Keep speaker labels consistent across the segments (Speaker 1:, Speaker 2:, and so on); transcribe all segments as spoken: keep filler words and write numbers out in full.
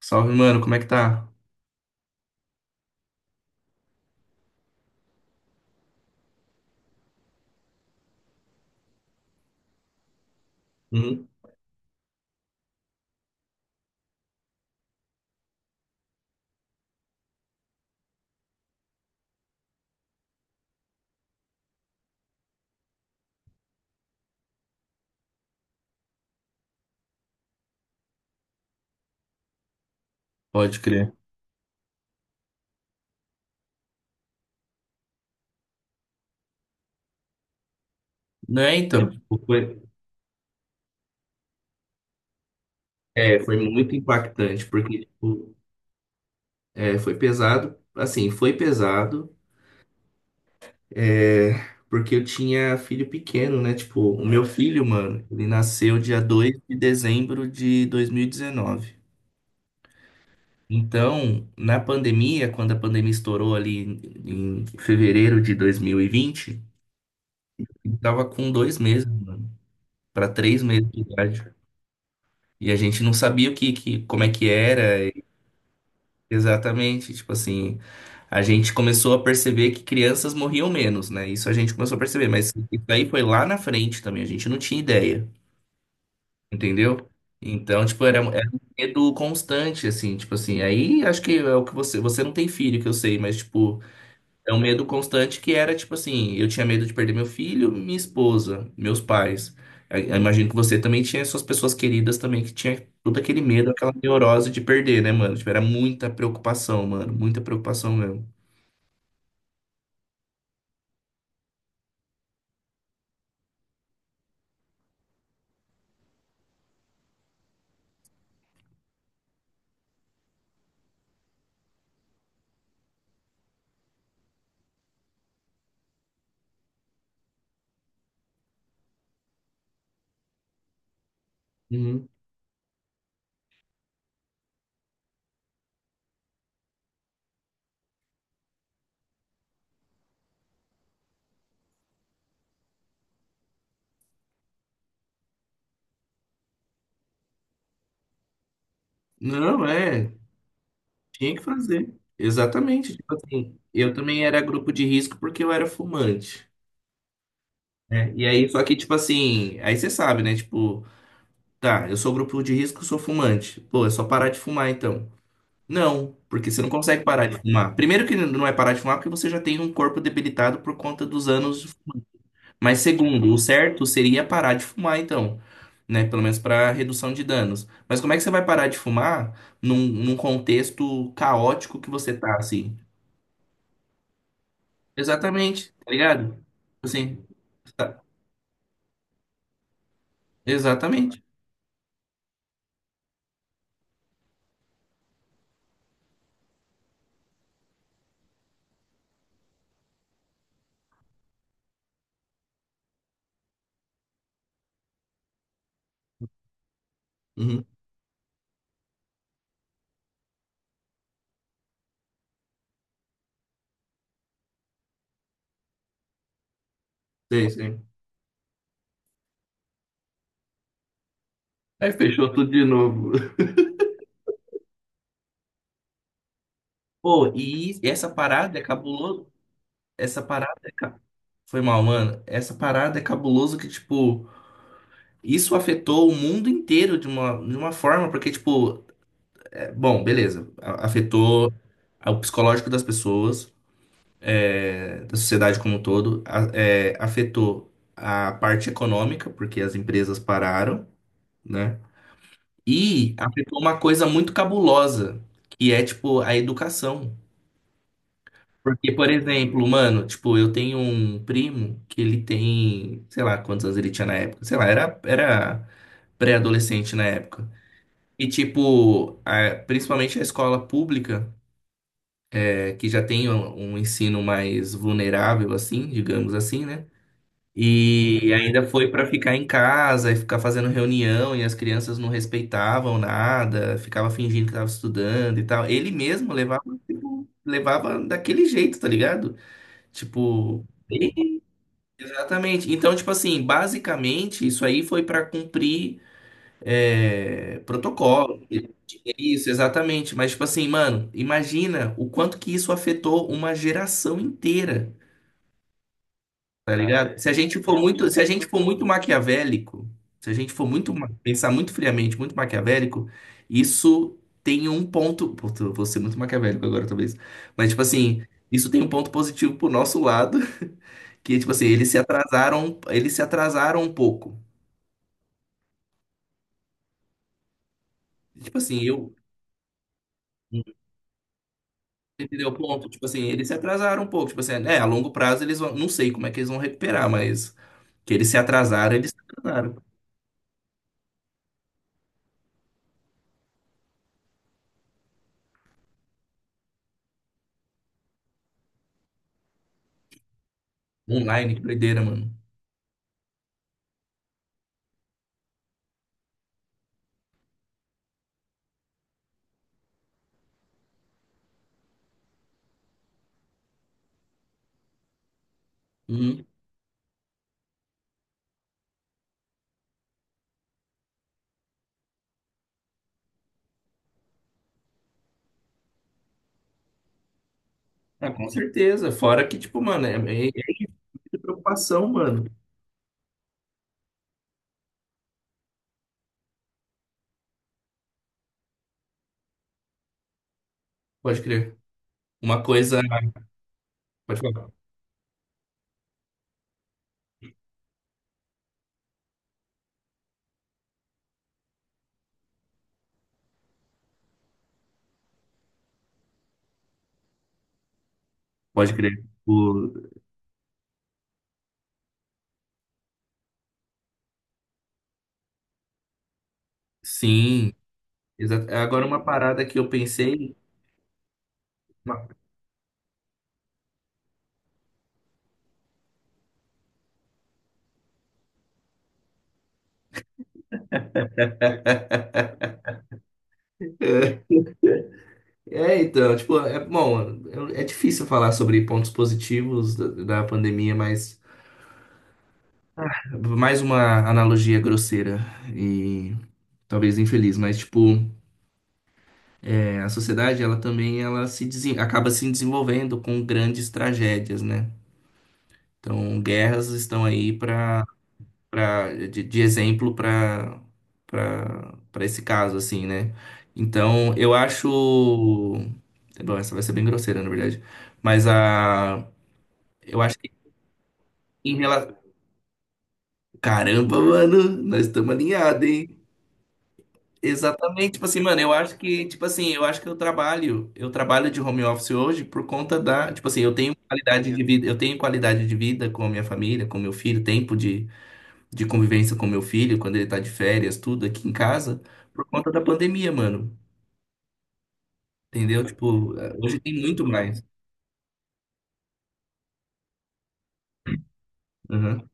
Speaker 1: Salve, mano, como é que tá? Uhum. Pode crer. Não é, então, tipo, foi, é, Foi muito impactante, porque, tipo, é, foi pesado, assim, foi pesado, é, porque eu tinha filho pequeno, né? Tipo, o meu filho, mano, ele nasceu dia dois de dezembro de dois mil e dezenove. Então, na pandemia, quando a pandemia estourou ali em em fevereiro de dois mil e vinte, ele tava com dois meses, mano, pra três meses de idade. E a gente não sabia o que, que, como é que era exatamente. Tipo assim, a gente começou a perceber que crianças morriam menos, né? Isso a gente começou a perceber, mas isso aí foi lá na frente também, a gente não tinha ideia, entendeu? Então, tipo, era, era um medo constante, assim, tipo assim. Aí acho que é o que você. Você não tem filho, que eu sei, mas, tipo. É um medo constante que era tipo assim, eu tinha medo de perder meu filho, minha esposa, meus pais. Eu- eu imagino que você também tinha suas pessoas queridas também que tinha todo aquele medo, aquela neurose de perder, né, mano? Tipo, era muita preocupação, mano, muita preocupação mesmo. Uhum. Não, é, tinha que fazer. Exatamente, tipo assim, eu também era grupo de risco porque eu era fumante, né? E aí, só que tipo assim, aí você sabe, né? Tipo, tá, eu sou grupo de risco, sou fumante. Pô, é só parar de fumar então. Não, porque você não consegue parar de fumar. Primeiro que não é parar de fumar porque você já tem um corpo debilitado por conta dos anos. Mas segundo, o certo seria parar de fumar então, né? Pelo menos para redução de danos. Mas como é que você vai parar de fumar num, num contexto caótico que você tá assim? Exatamente, tá ligado? Assim, tá. Exatamente. Uhum, sei, sei. Aí fechou tudo de novo. Pô, e essa parada é cabuloso. Essa parada é cabuloso. Foi mal, mano. Essa parada é cabuloso que, tipo, isso afetou o mundo inteiro de uma, de uma forma, porque, tipo, é, bom, beleza, a- afetou o psicológico das pessoas, é, da sociedade como um todo, a- é, afetou a parte econômica, porque as empresas pararam, né? E afetou uma coisa muito cabulosa, que é, tipo, a educação. Porque, por exemplo, mano, tipo, eu tenho um primo que ele tem, sei lá, quantos anos ele tinha na época, sei lá, era, era pré-adolescente na época. E, tipo, a- principalmente a escola pública, é, que já tem um, um ensino mais vulnerável, assim, digamos assim, né? E ainda foi para ficar em casa e ficar fazendo reunião, e as crianças não respeitavam nada, ficava fingindo que estava estudando e tal. Ele mesmo levava, tipo, levava daquele jeito, tá ligado? Tipo, exatamente. Então, tipo assim, basicamente, isso aí foi para cumprir é, protocolo, é isso, exatamente. Mas, tipo assim, mano, imagina o quanto que isso afetou uma geração inteira, tá ligado? Se a gente for muito, se a gente for muito maquiavélico, se a gente for muito, ma- pensar muito friamente, muito maquiavélico, isso tem um ponto, puta, eu vou ser muito maquiavélico agora, talvez. Mas, tipo assim, isso tem um ponto positivo pro nosso lado, que, tipo assim, eles se atrasaram, eles se atrasaram um pouco. Tipo assim, eu. Entendeu o ponto? Tipo assim, eles se atrasaram um pouco. Tipo assim, é, a longo prazo eles vão. Não sei como é que eles vão recuperar, mas que eles se atrasaram, eles se atrasaram. Online, que doideira, mano. Uhum. Ah, com certeza. Fora que, tipo, mano, é, é, é preocupação, mano. Pode crer. Uma coisa. Pode falar. Pode crer. O... Sim. Exato. Agora, uma parada que eu pensei. uma- É, é, então, tipo, é bom, é é difícil falar sobre pontos positivos da, da pandemia, mas. Mais uma analogia grosseira e talvez infeliz, mas tipo, é, a sociedade ela também ela se desen- acaba se desenvolvendo com grandes tragédias, né? Então, guerras estão aí para para de, de exemplo para para para esse caso assim, né? Então, eu acho, bom, essa vai ser bem grosseira, na verdade, mas a eu acho que em relação. Caramba, mano, nós estamos alinhados, hein? Exatamente, tipo assim, mano, eu acho que, tipo assim, eu acho que eu trabalho, eu trabalho de home office hoje por conta da, tipo assim, eu tenho qualidade de vida, eu tenho qualidade de vida com a minha família, com meu filho, tempo de, de convivência com meu filho, quando ele tá de férias, tudo aqui em casa, por conta da pandemia, mano. Entendeu? Tipo, eh, hoje tem muito mais. Uhum.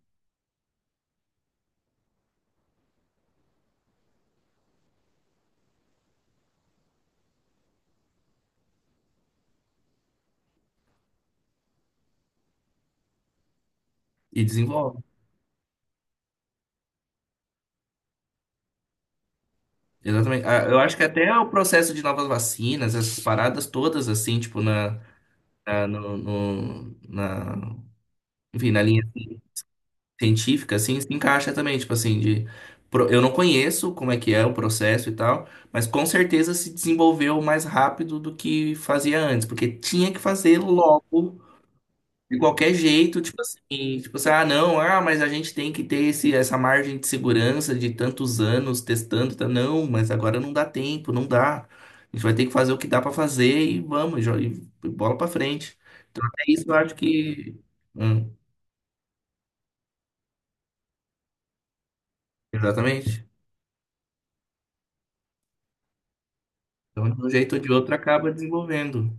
Speaker 1: E desenvolve. Exatamente. Ah, eu acho que até o processo de novas vacinas, essas paradas todas, assim, tipo, na, na, no, no- na, enfim, na linha, assim, científica, assim, se encaixa também, tipo assim, de pro- eu não conheço como é que é o processo e tal, mas com certeza se desenvolveu mais rápido do que fazia antes, porque tinha que fazer logo de qualquer jeito, tipo assim, tipo assim, ah, não, ah, mas a gente tem que ter esse, essa margem de segurança de tantos anos testando, tá? Não, mas agora não dá tempo, não dá. A gente vai ter que fazer o que dá pra fazer e vamos, jo- e bola pra frente. Então, é isso, eu acho que. Hum, exatamente. Então, de um jeito ou de outro, acaba desenvolvendo.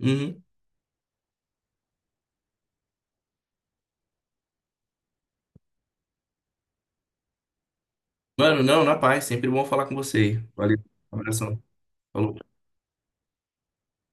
Speaker 1: Uhum. Mano, não, na paz. Sempre bom falar com você. Valeu. Um abração. Falou.